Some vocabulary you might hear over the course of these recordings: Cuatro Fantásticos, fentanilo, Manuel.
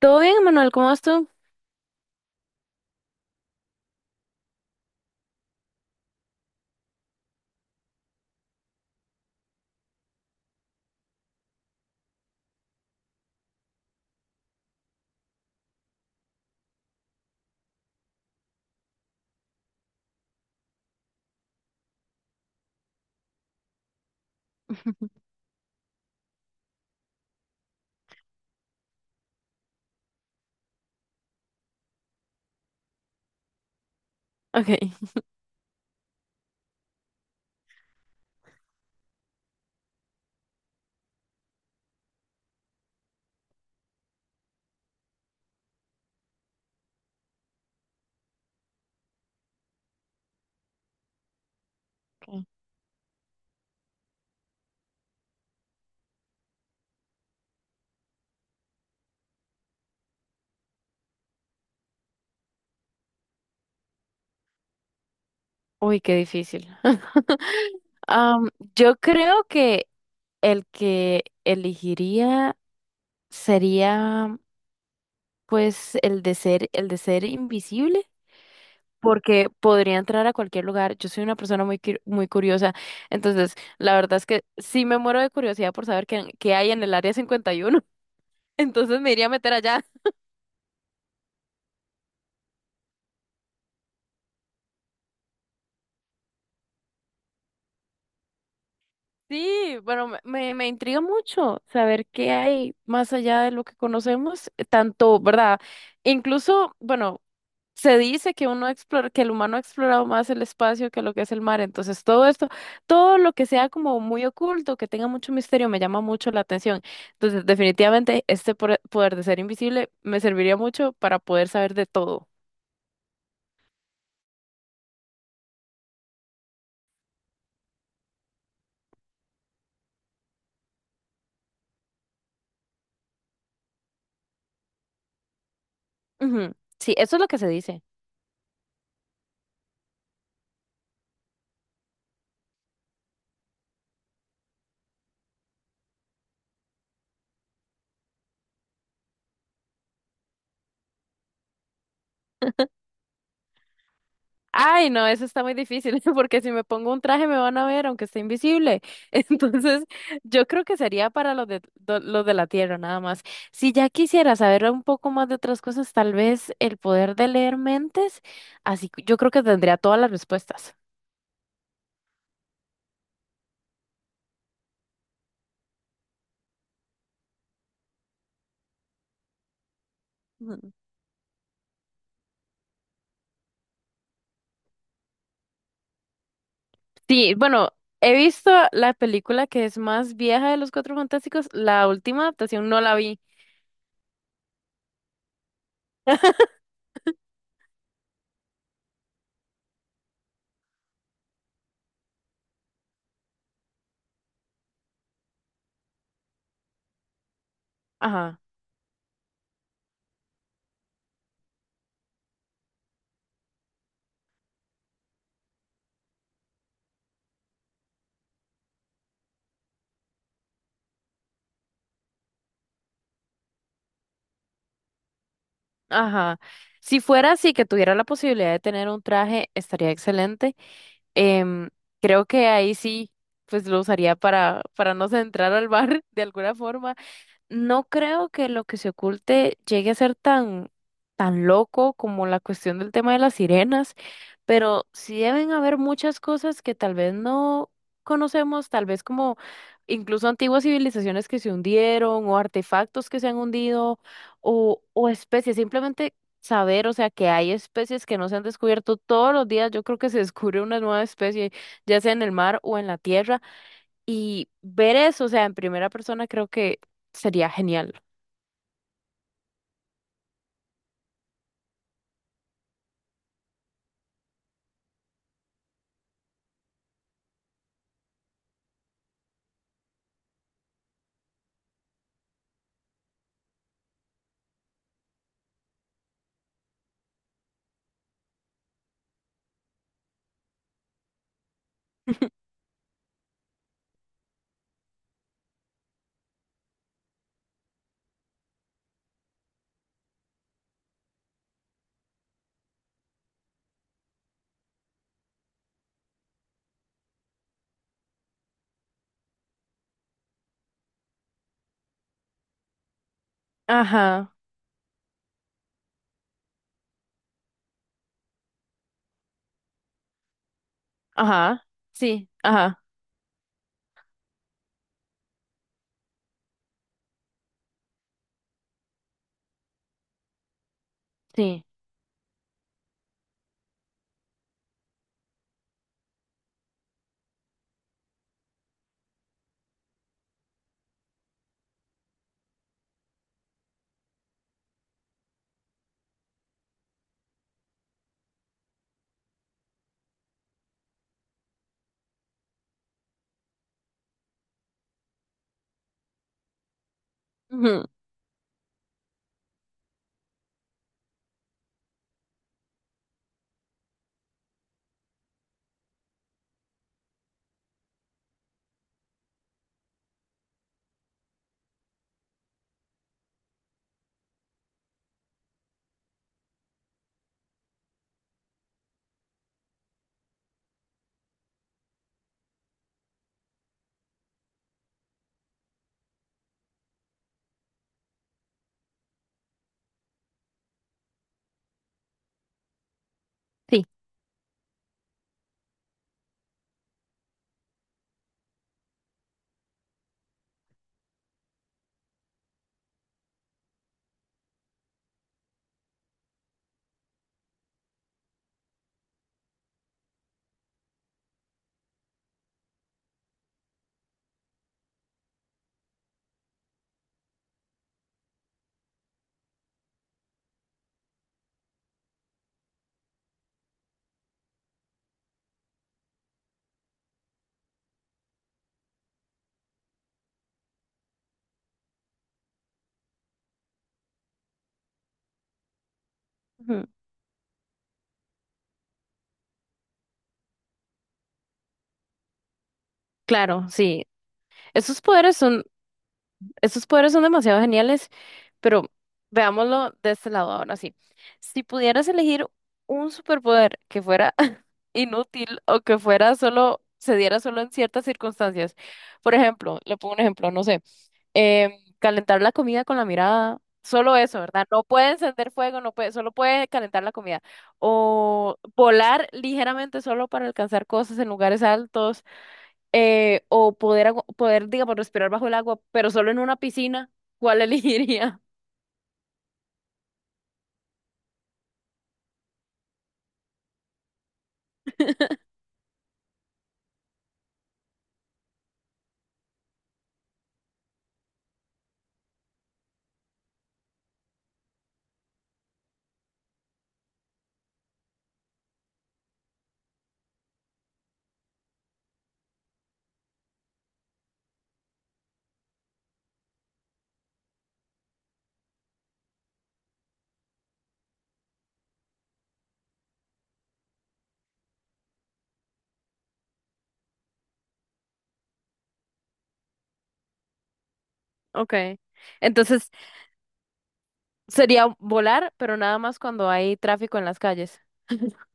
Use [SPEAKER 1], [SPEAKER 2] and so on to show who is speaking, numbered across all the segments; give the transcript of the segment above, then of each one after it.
[SPEAKER 1] ¿Todo bien, Manuel? ¿Cómo vas tú? Ok. Ok. Uy, qué difícil. Am, yo creo que el que elegiría sería, pues, el de ser invisible, porque podría entrar a cualquier lugar. Yo soy una persona muy, muy curiosa, entonces la verdad es que sí me muero de curiosidad por saber qué, qué hay en el área 51. Entonces me iría a meter allá. Sí, bueno, me intriga mucho saber qué hay más allá de lo que conocemos, tanto, ¿verdad? Incluso, bueno, se dice que uno explora, que el humano ha explorado más el espacio que lo que es el mar, entonces todo esto, todo lo que sea como muy oculto, que tenga mucho misterio, me llama mucho la atención. Entonces, definitivamente este poder de ser invisible me serviría mucho para poder saber de todo. Ujú. Sí, eso es lo que se dice. Ay, no, eso está muy difícil, porque si me pongo un traje me van a ver, aunque esté invisible. Entonces, yo creo que sería para los los de la Tierra, nada más. Si ya quisiera saber un poco más de otras cosas, tal vez el poder de leer mentes, así que yo creo que tendría todas las respuestas. Ujú. Sí, bueno, he visto la película que es más vieja de los Cuatro Fantásticos, la última adaptación no la vi. Ajá, ajá. Si fuera así, que tuviera la posibilidad de tener un traje, estaría excelente. Em, Creo que ahí sí, pues lo usaría para no entrar al bar de alguna forma. No creo que lo que se oculte llegue a ser tan, tan loco como la cuestión del tema de las sirenas, pero sí deben haber muchas cosas que tal vez no conocemos, tal vez como incluso antiguas civilizaciones que se hundieron o artefactos que se han hundido o especies, simplemente saber, o sea, que hay especies que no se han descubierto todos los días, yo creo que se descubre una nueva especie, ya sea en el mar o en la tierra. Y ver eso, o sea, en primera persona creo que sería genial. Ajá, ajá, sí, ajá, sí, ujú, sí, ujú, claro, sí. Esos poderes son, esos poderes son demasiado geniales, pero veámoslo de este lado ahora sí. Si pudieras elegir un superpoder que fuera inútil o que fuera solo, se diera solo en ciertas circunstancias, por ejemplo, le pongo un ejemplo, no sé. em, Calentar la comida con la mirada, solo eso, ¿verdad? No puede encender fuego, no puede, solo puede calentar la comida. O volar ligeramente solo para alcanzar cosas en lugares altos, o poder, poder, digamos, respirar bajo el agua, pero solo en una piscina, ¿cuál elegiría? Ok. Entonces sería volar, pero nada más cuando hay tráfico en las calles.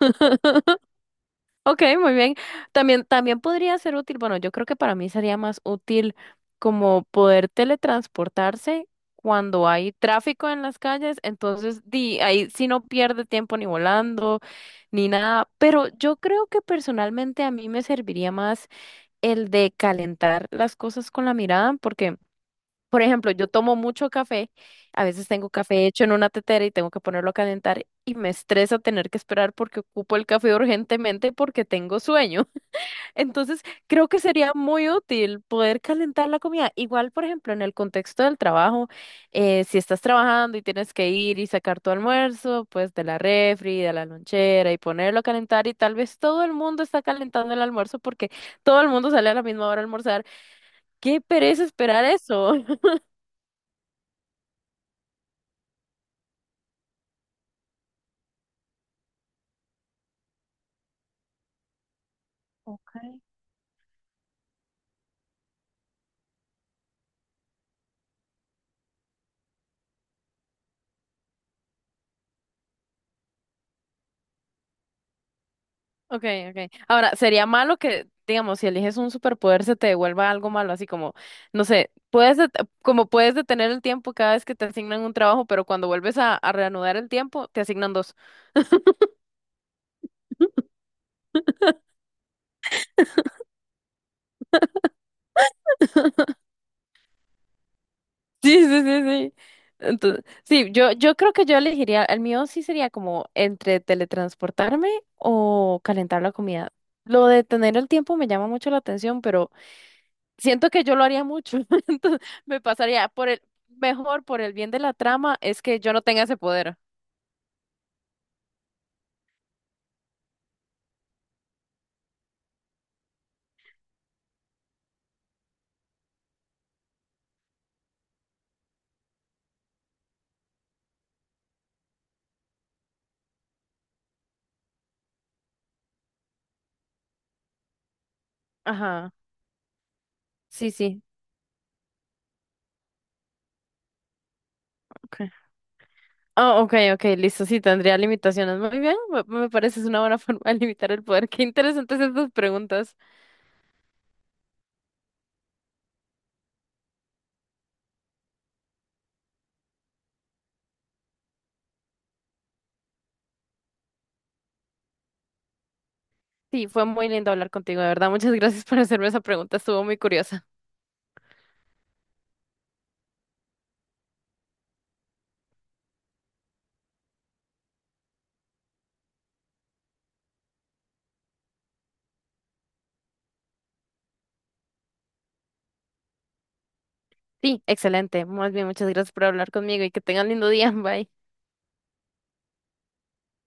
[SPEAKER 1] Ok, muy bien. También, también podría ser útil, bueno, yo creo que para mí sería más útil como poder teletransportarse cuando hay tráfico en las calles, entonces di, ahí sí no pierde tiempo ni volando ni nada, pero yo creo que personalmente a mí me serviría más el de calentar las cosas con la mirada, porque por ejemplo, yo tomo mucho café, a veces tengo café hecho en una tetera y tengo que ponerlo a calentar y me estresa tener que esperar porque ocupo el café urgentemente porque tengo sueño. Entonces, creo que sería muy útil poder calentar la comida. Igual, por ejemplo, en el contexto del trabajo, si estás trabajando y tienes que ir y sacar tu almuerzo, pues de la refri, de la lonchera y ponerlo a calentar y tal vez todo el mundo está calentando el almuerzo porque todo el mundo sale a la misma hora a almorzar. ¡Qué pereza esperar eso! Okay, okay. Ahora, sería malo que, digamos, si eliges un superpoder se te devuelva algo malo, así como, no sé, puedes como puedes detener el tiempo cada vez que te asignan un trabajo, pero cuando vuelves a reanudar el tiempo, te asignan dos. Sí, sí, sí, sí. Entonces, sí, yo creo que yo elegiría, el mío sí sería como entre teletransportarme o calentar la comida. Lo de tener el tiempo me llama mucho la atención, pero siento que yo lo haría mucho, entonces me pasaría por el, mejor por el bien de la trama es que yo no tenga ese poder. Ajá, sí, sí. Okay. Ah, ok, ok, listo, sí, tendría limitaciones. Muy bien, me parece es una buena forma de limitar el poder. Qué interesantes estas preguntas. Sí, fue muy lindo hablar contigo, de verdad. Muchas gracias por hacerme esa pregunta, estuvo muy curiosa. Sí, excelente. Más bien, muchas gracias por hablar conmigo y que tengan lindo día. Bye.